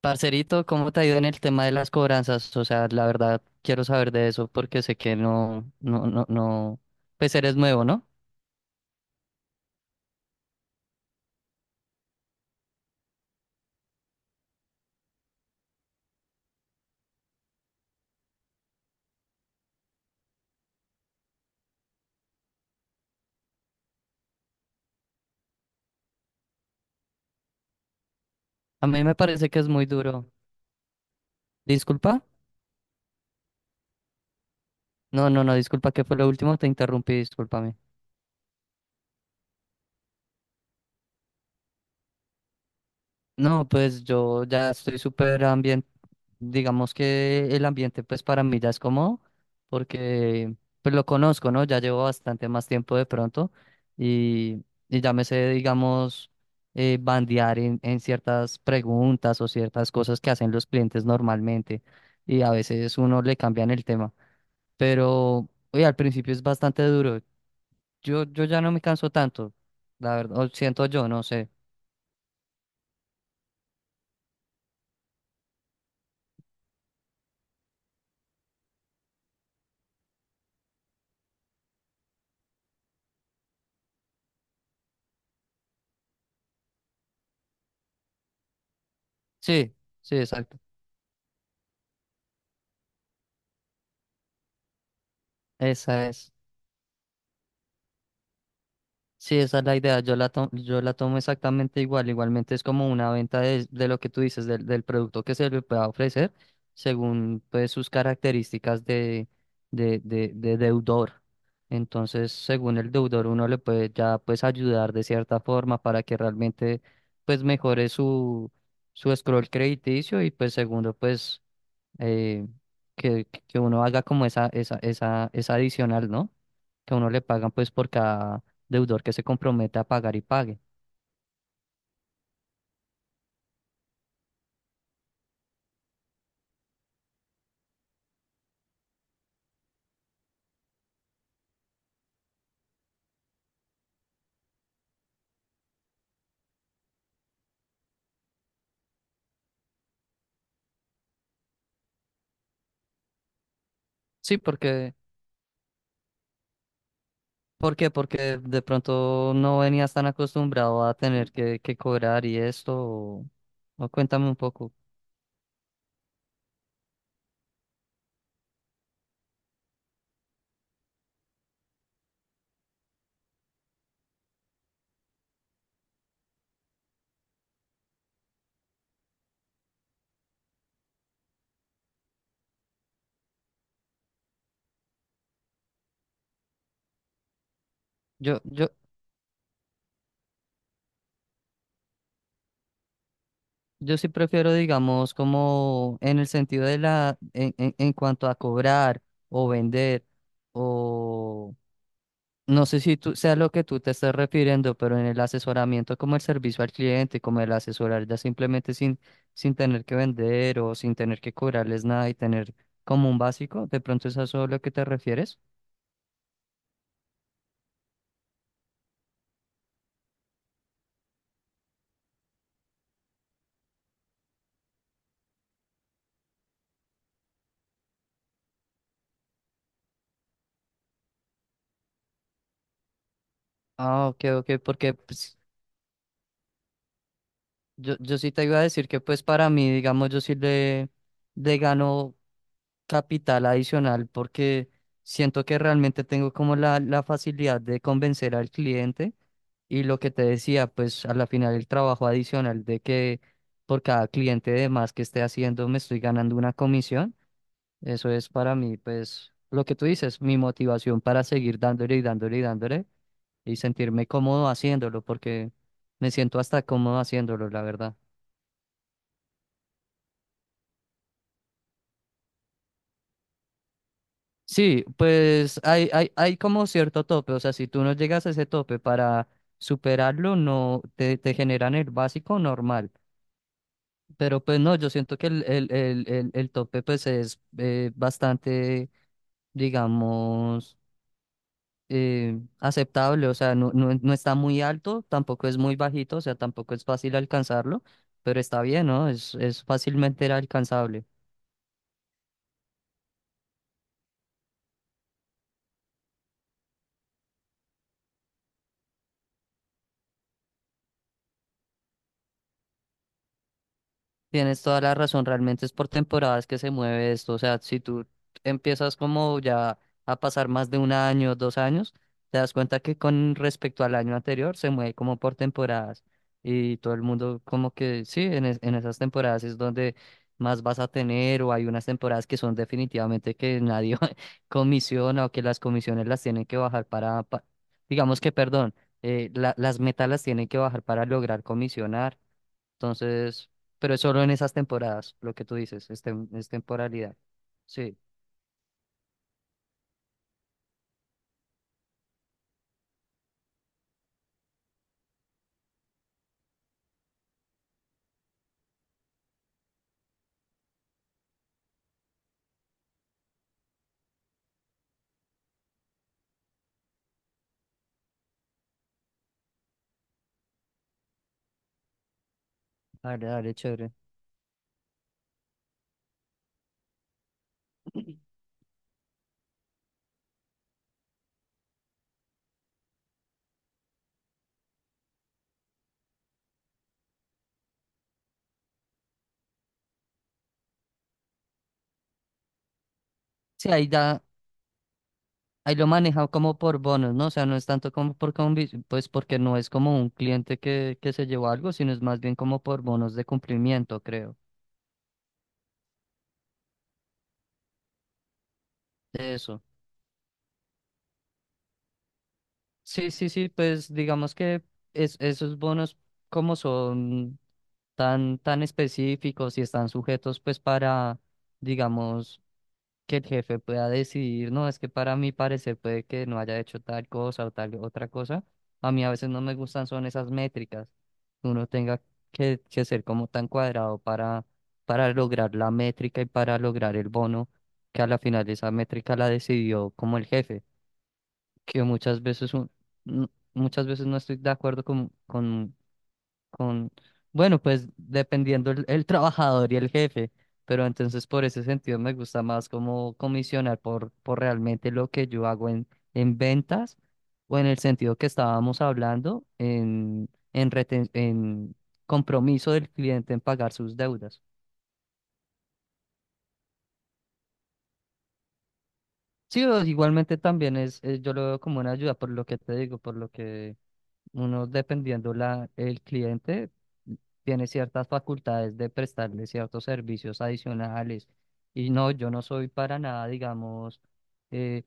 Parcerito, ¿cómo te ha ido en el tema de las cobranzas? O sea, la verdad quiero saber de eso porque sé que no, pues eres nuevo, ¿no? A mí me parece que es muy duro. ¿Disculpa? No, no, no, disculpa, ¿qué fue lo último? Te interrumpí, discúlpame. No, pues yo ya estoy súper ambiente, digamos que el ambiente pues para mí ya es cómodo, porque pues lo conozco, ¿no? Ya llevo bastante más tiempo de pronto y ya me sé, digamos, bandear en ciertas preguntas o ciertas cosas que hacen los clientes normalmente y a veces uno le cambian el tema, pero oye, al principio es bastante duro. Yo ya no me canso tanto, la verdad, o siento yo, no sé. Sí, sí, exacto. Esa es. Sí, esa es la idea. Yo la tomo exactamente igual. Igualmente es como una venta de lo que tú dices, del producto que se le pueda ofrecer según pues sus características de deudor. Entonces, según el deudor, uno le puede ya pues ayudar de cierta forma para que realmente pues mejore su, su scroll crediticio y pues segundo pues eh, que uno haga como esa adicional, ¿no? Que a uno le pagan pues por cada deudor que se compromete a pagar y pague. Sí, porque, ¿por qué? Porque de pronto no venías tan acostumbrado a tener que cobrar y esto, o cuéntame un poco. Yo, yo, yo sí prefiero, digamos, como en el sentido de la, en cuanto a cobrar o vender o No sé si tú sea lo que tú te estás refiriendo, pero en el asesoramiento como el servicio al cliente, como el asesorar ya simplemente sin, sin tener que vender o sin tener que cobrarles nada y tener como un básico, ¿de pronto es a eso lo que te refieres? Ah, ok, ok, porque pues, yo sí te iba a decir que pues para mí, digamos, yo sí le gano. Capital adicional porque siento que realmente tengo como la facilidad de convencer al cliente y lo que te decía, pues a la final el trabajo adicional de que por cada cliente de más que esté haciendo me estoy ganando una comisión, eso es para mí pues lo que tú dices, mi motivación para seguir dándole y dándole y dándole y sentirme cómodo haciéndolo porque me siento hasta cómodo haciéndolo, la verdad. Sí, pues hay como cierto tope, o sea, si tú no llegas a ese tope para superarlo, no te, te generan el básico normal, pero pues no, yo siento que el tope pues es bastante, digamos, aceptable, o sea, no está muy alto, tampoco es muy bajito, o sea, tampoco es fácil alcanzarlo, pero está bien, ¿no? Es fácilmente alcanzable. Tienes toda la razón, realmente es por temporadas que se mueve esto, o sea, si tú empiezas como ya a pasar más de un año, dos años, te das cuenta que con respecto al año anterior se mueve como por temporadas y todo el mundo como que sí, en, en esas temporadas es donde más vas a tener o hay unas temporadas que son definitivamente que nadie comisiona o que las comisiones las tienen que bajar para, digamos que, perdón, las metas las tienen que bajar para lograr comisionar. Entonces, pero es solo en esas temporadas, lo que tú dices, es, es temporalidad. Sí, dale, dale, chévere. Sí, ahí da, ahí lo maneja como por bonos, ¿no? O sea, no es tanto como por pues porque no es como un cliente que se llevó algo, sino es más bien como por bonos de cumplimiento, creo. Eso. Sí, sí, sí, pues digamos que es, esos bonos como son tan específicos y están sujetos pues para, digamos, que el jefe pueda decidir, no, es que para mi parecer puede que no haya hecho tal cosa o tal otra cosa. A mí a veces no me gustan son esas métricas, que uno tenga que ser como tan cuadrado para lograr la métrica y para lograr el bono, que a la final esa métrica la decidió como el jefe, que muchas veces, n- muchas veces no estoy de acuerdo con bueno, pues dependiendo el trabajador y el jefe, pero entonces por ese sentido me gusta más como comisionar por realmente lo que yo hago en ventas o en el sentido que estábamos hablando en, en compromiso del cliente en pagar sus deudas. Sí, o igualmente también es, yo lo veo como una ayuda por lo que te digo, por lo que Uno, dependiendo la, el cliente, tiene ciertas facultades de prestarle ciertos servicios adicionales. Y no, yo no soy para nada, digamos, eh,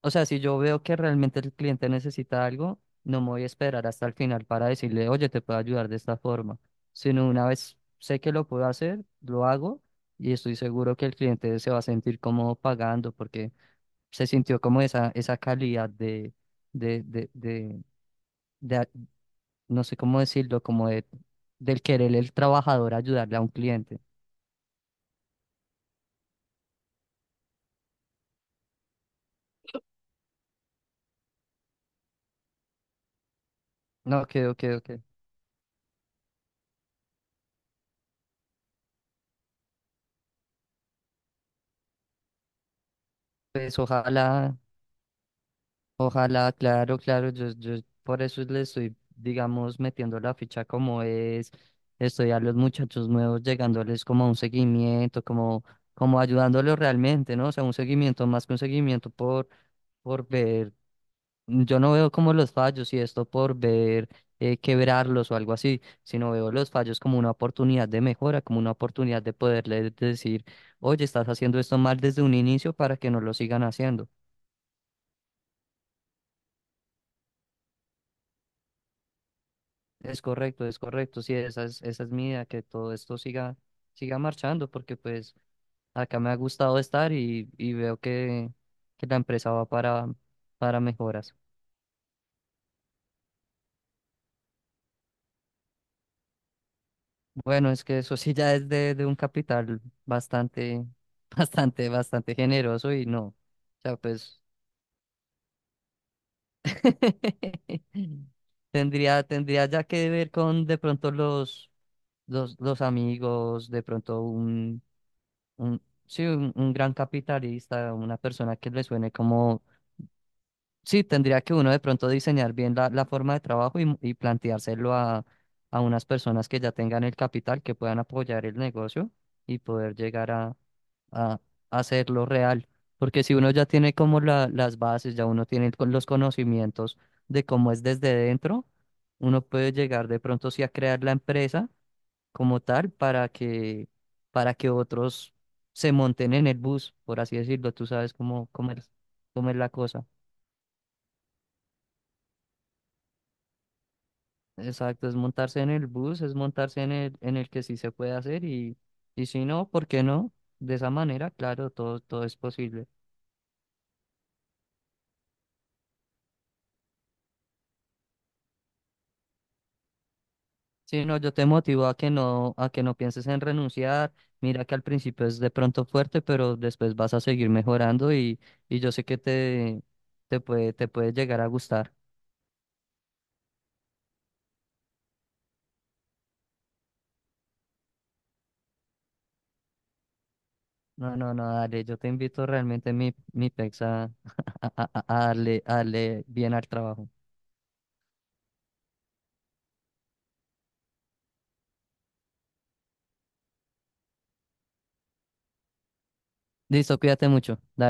o sea, si yo veo que realmente el cliente necesita algo, no me voy a esperar hasta el final para decirle, oye, te puedo ayudar de esta forma, sino una vez sé que lo puedo hacer, lo hago y estoy seguro que el cliente se va a sentir cómodo pagando porque se sintió como esa calidad de, de, de, de, no sé cómo decirlo, como de, del querer el trabajador ayudarle a un cliente. No, que, ok, ok. Pues ojalá, ojalá, claro, claro, yo por eso le estoy, digamos, metiendo la ficha como es, estoy a los muchachos nuevos, llegándoles como a un seguimiento, como, como ayudándolos realmente, ¿no? O sea, un seguimiento más que un seguimiento por ver. Yo no veo como los fallos y esto por ver quebrarlos o algo así, sino veo los fallos como una oportunidad de mejora, como una oportunidad de poderle decir, oye, estás haciendo esto mal desde un inicio para que no lo sigan haciendo. Es correcto, es correcto. Sí, esa es mi idea, que todo esto siga, siga marchando, porque pues acá me ha gustado estar y veo que la empresa va para mejoras. Bueno, es que eso sí ya es de un capital bastante, bastante, bastante generoso y no. O sea, pues tendría, tendría ya que ver con de pronto los, los amigos, de pronto un, sí, un gran capitalista, una persona que le suene como, sí, tendría que uno de pronto diseñar bien la, la forma de trabajo y planteárselo a unas personas que ya tengan el capital, que puedan apoyar el negocio y poder llegar a a hacerlo real. Porque si uno ya tiene como las bases, ya uno tiene los conocimientos de cómo es desde dentro, uno puede llegar de pronto sí a crear la empresa como tal para que otros se monten en el bus, por así decirlo. Tú sabes cómo, cómo es la cosa. Exacto, es montarse en el bus, es montarse en el que sí se puede hacer y si no, ¿por qué no? De esa manera, claro, todo, todo es posible. Sí, no, yo te motivo a que no pienses en renunciar. Mira que al principio es de pronto fuerte, pero después vas a seguir mejorando y yo sé que te, te puede llegar a gustar. No, no, no, dale, yo te invito realmente mi, mi pex a, a darle bien al trabajo. Listo, cuídate mucho. Dale.